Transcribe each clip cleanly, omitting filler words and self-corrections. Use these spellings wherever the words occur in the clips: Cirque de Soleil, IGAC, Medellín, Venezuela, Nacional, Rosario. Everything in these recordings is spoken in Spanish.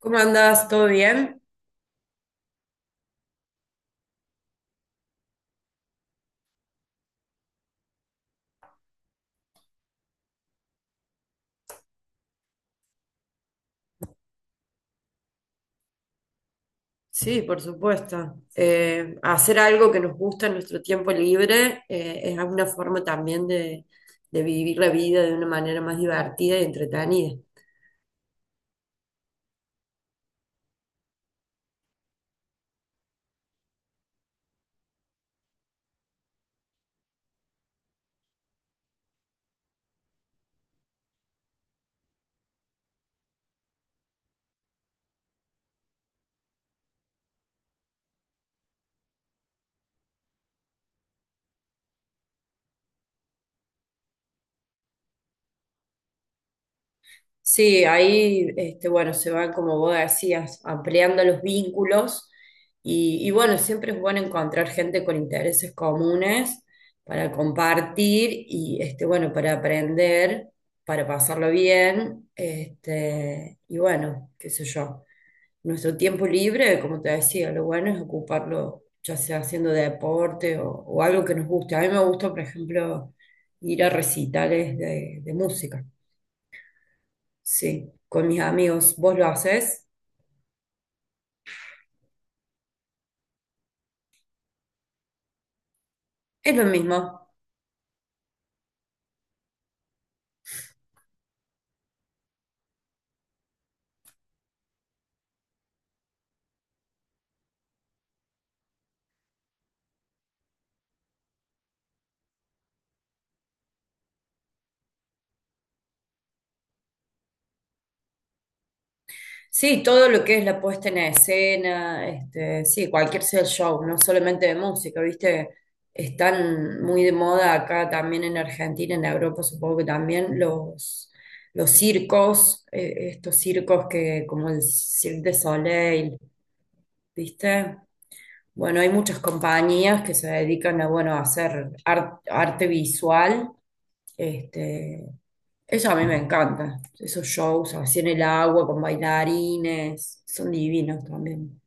¿Cómo andás? ¿Todo bien? Sí, por supuesto. Hacer algo que nos gusta en nuestro tiempo libre es una forma también de vivir la vida de una manera más divertida y entretenida. Sí, ahí, este, bueno, se van, como vos decías, ampliando los vínculos y bueno, siempre es bueno encontrar gente con intereses comunes para compartir y, este, bueno, para aprender, para pasarlo bien, este, y bueno, qué sé yo. Nuestro tiempo libre, como te decía, lo bueno es ocuparlo ya sea haciendo deporte o algo que nos guste. A mí me gusta, por ejemplo, ir a recitales de música, sí, con mis amigos. ¿Vos lo haces? Es lo mismo. Sí, todo lo que es la puesta en escena, este, sí, cualquier sea el show, no solamente de música, ¿viste? Están muy de moda acá también en Argentina, en Europa supongo que también los circos, estos circos que, como el Cirque de Soleil, ¿viste? Bueno, hay muchas compañías que se dedican a, bueno, a hacer arte visual. Este, eso a mí me encanta. Esos shows así en el agua con bailarines, son divinos también.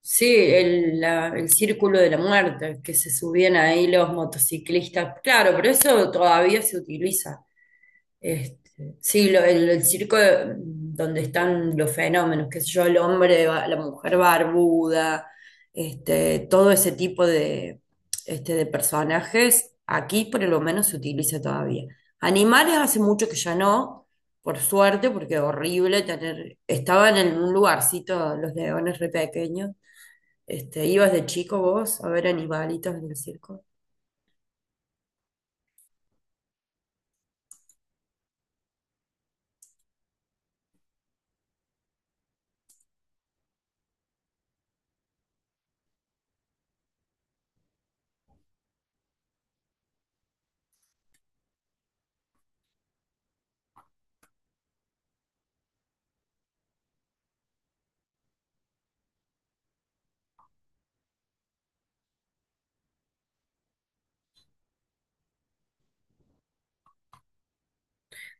Sí, el círculo de la muerte, que se subían ahí los motociclistas. Claro, pero eso todavía se utiliza. Este, sí, el circo donde están los fenómenos, qué sé yo, la mujer barbuda, este, todo ese tipo de, este, de personajes, aquí por lo menos se utiliza todavía. Animales hace mucho que ya no, por suerte, porque horrible tener, estaban en un lugarcito los leones re pequeños. Este, ¿ibas de chico vos a ver animalitos en el circo?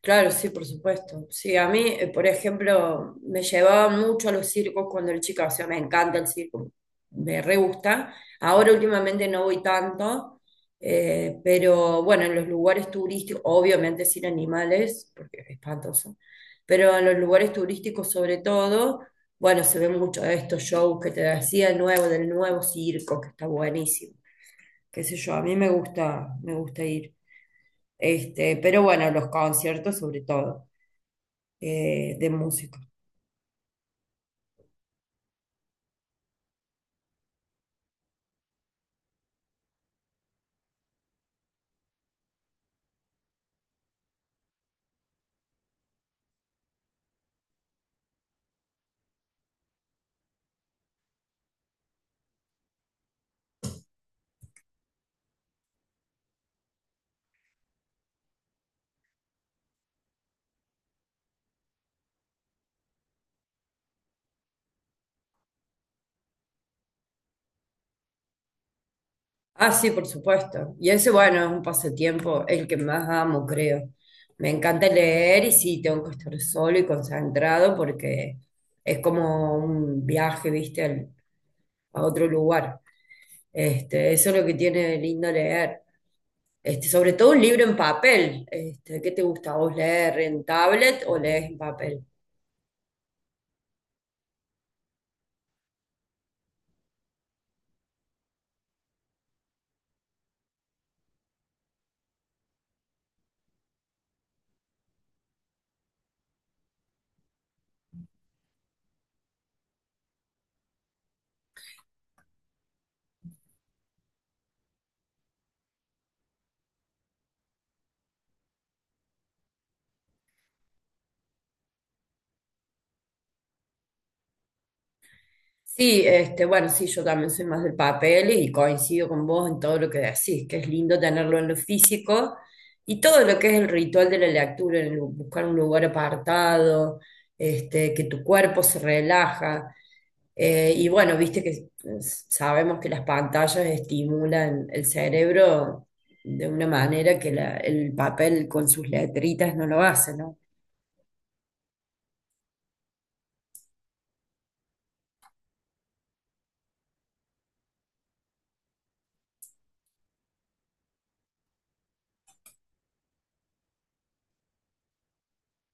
Claro, sí, por supuesto. Sí, a mí, por ejemplo, me llevaban mucho a los circos cuando era chica, o sea, me encanta el circo, me re gusta. Ahora últimamente no voy tanto, pero bueno, en los lugares turísticos, obviamente sin animales, porque es espantoso, pero en los lugares turísticos sobre todo, bueno, se ve mucho de estos shows que te decía, el nuevo, del nuevo circo, que está buenísimo, qué sé yo, a mí me gusta ir. Este, pero bueno, los conciertos sobre todo, de música. Ah, sí, por supuesto. Y ese, bueno, es un pasatiempo, el que más amo, creo. Me encanta leer y sí, tengo que estar solo y concentrado porque es como un viaje, viste, a otro lugar. Este, eso es lo que tiene de lindo leer. Este, sobre todo un libro en papel. Este, ¿qué te gusta? ¿Vos leer en tablet o lees en papel? Sí, este, bueno, sí, yo también soy más del papel y coincido con vos en todo lo que decís, que es lindo tenerlo en lo físico y todo lo que es el ritual de la lectura, el buscar un lugar apartado, este, que tu cuerpo se relaja. Y bueno, viste que sabemos que las pantallas estimulan el cerebro de una manera que el papel con sus letritas no lo hace, ¿no?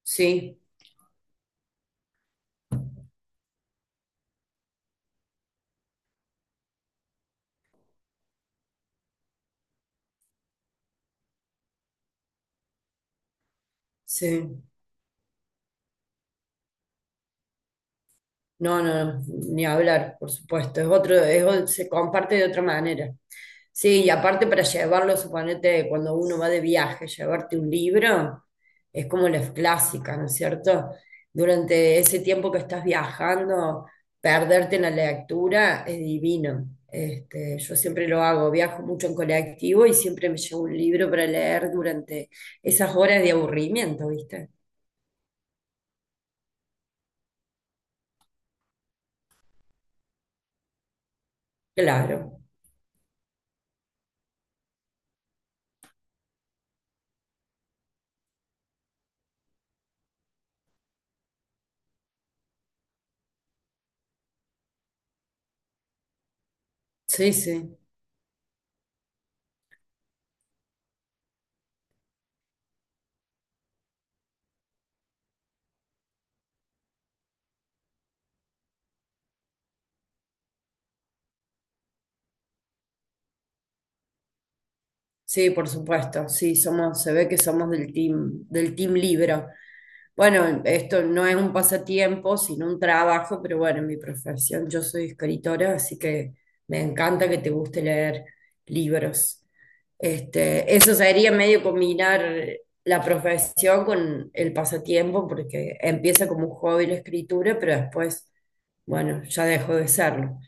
Sí, sí. No, no, ni hablar, por supuesto. Es otro, se comparte de otra manera. Sí, y aparte para llevarlo, suponete, cuando uno va de viaje, llevarte un libro, es como la clásica, ¿no es cierto? Durante ese tiempo que estás viajando, perderte en la lectura es divino. Este, yo siempre lo hago, viajo mucho en colectivo y siempre me llevo un libro para leer durante esas horas de aburrimiento, ¿viste? Claro, sí, sí. Sí, por supuesto, sí, somos, se ve que somos del team libro. Bueno, esto no es un pasatiempo, sino un trabajo, pero bueno, en mi profesión yo soy escritora, así que me encanta que te guste leer libros. Este, eso sería medio combinar la profesión con el pasatiempo, porque empieza como un hobby la escritura, pero después, bueno, ya dejó de serlo.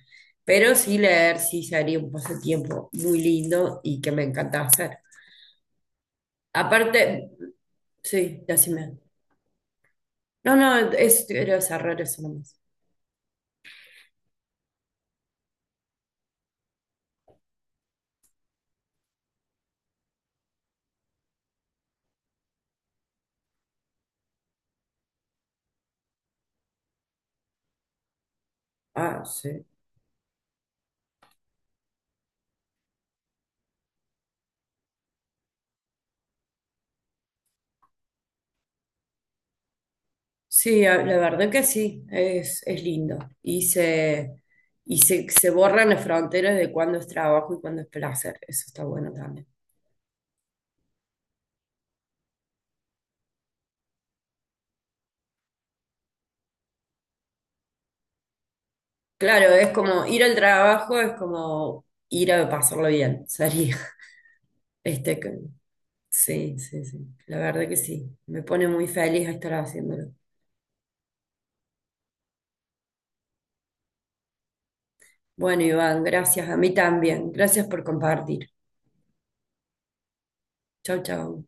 Pero sí, leer sí sería un pasatiempo muy lindo y que me encanta hacer. Aparte, sí, decime. No, no, es, era cerrar eso nomás. Ah, sí. Sí, a- la verdad que sí, es lindo. Y se, se borran las fronteras de cuándo es trabajo y cuándo es placer. Eso está bueno también. Claro, es como ir al trabajo, es como ir a pasarlo bien, sería. Este, que sí, sí, sí. La verdad que sí. Me pone muy feliz estar haciéndolo. Bueno, Iván, gracias. A mí también. Gracias por compartir. Chau, chau.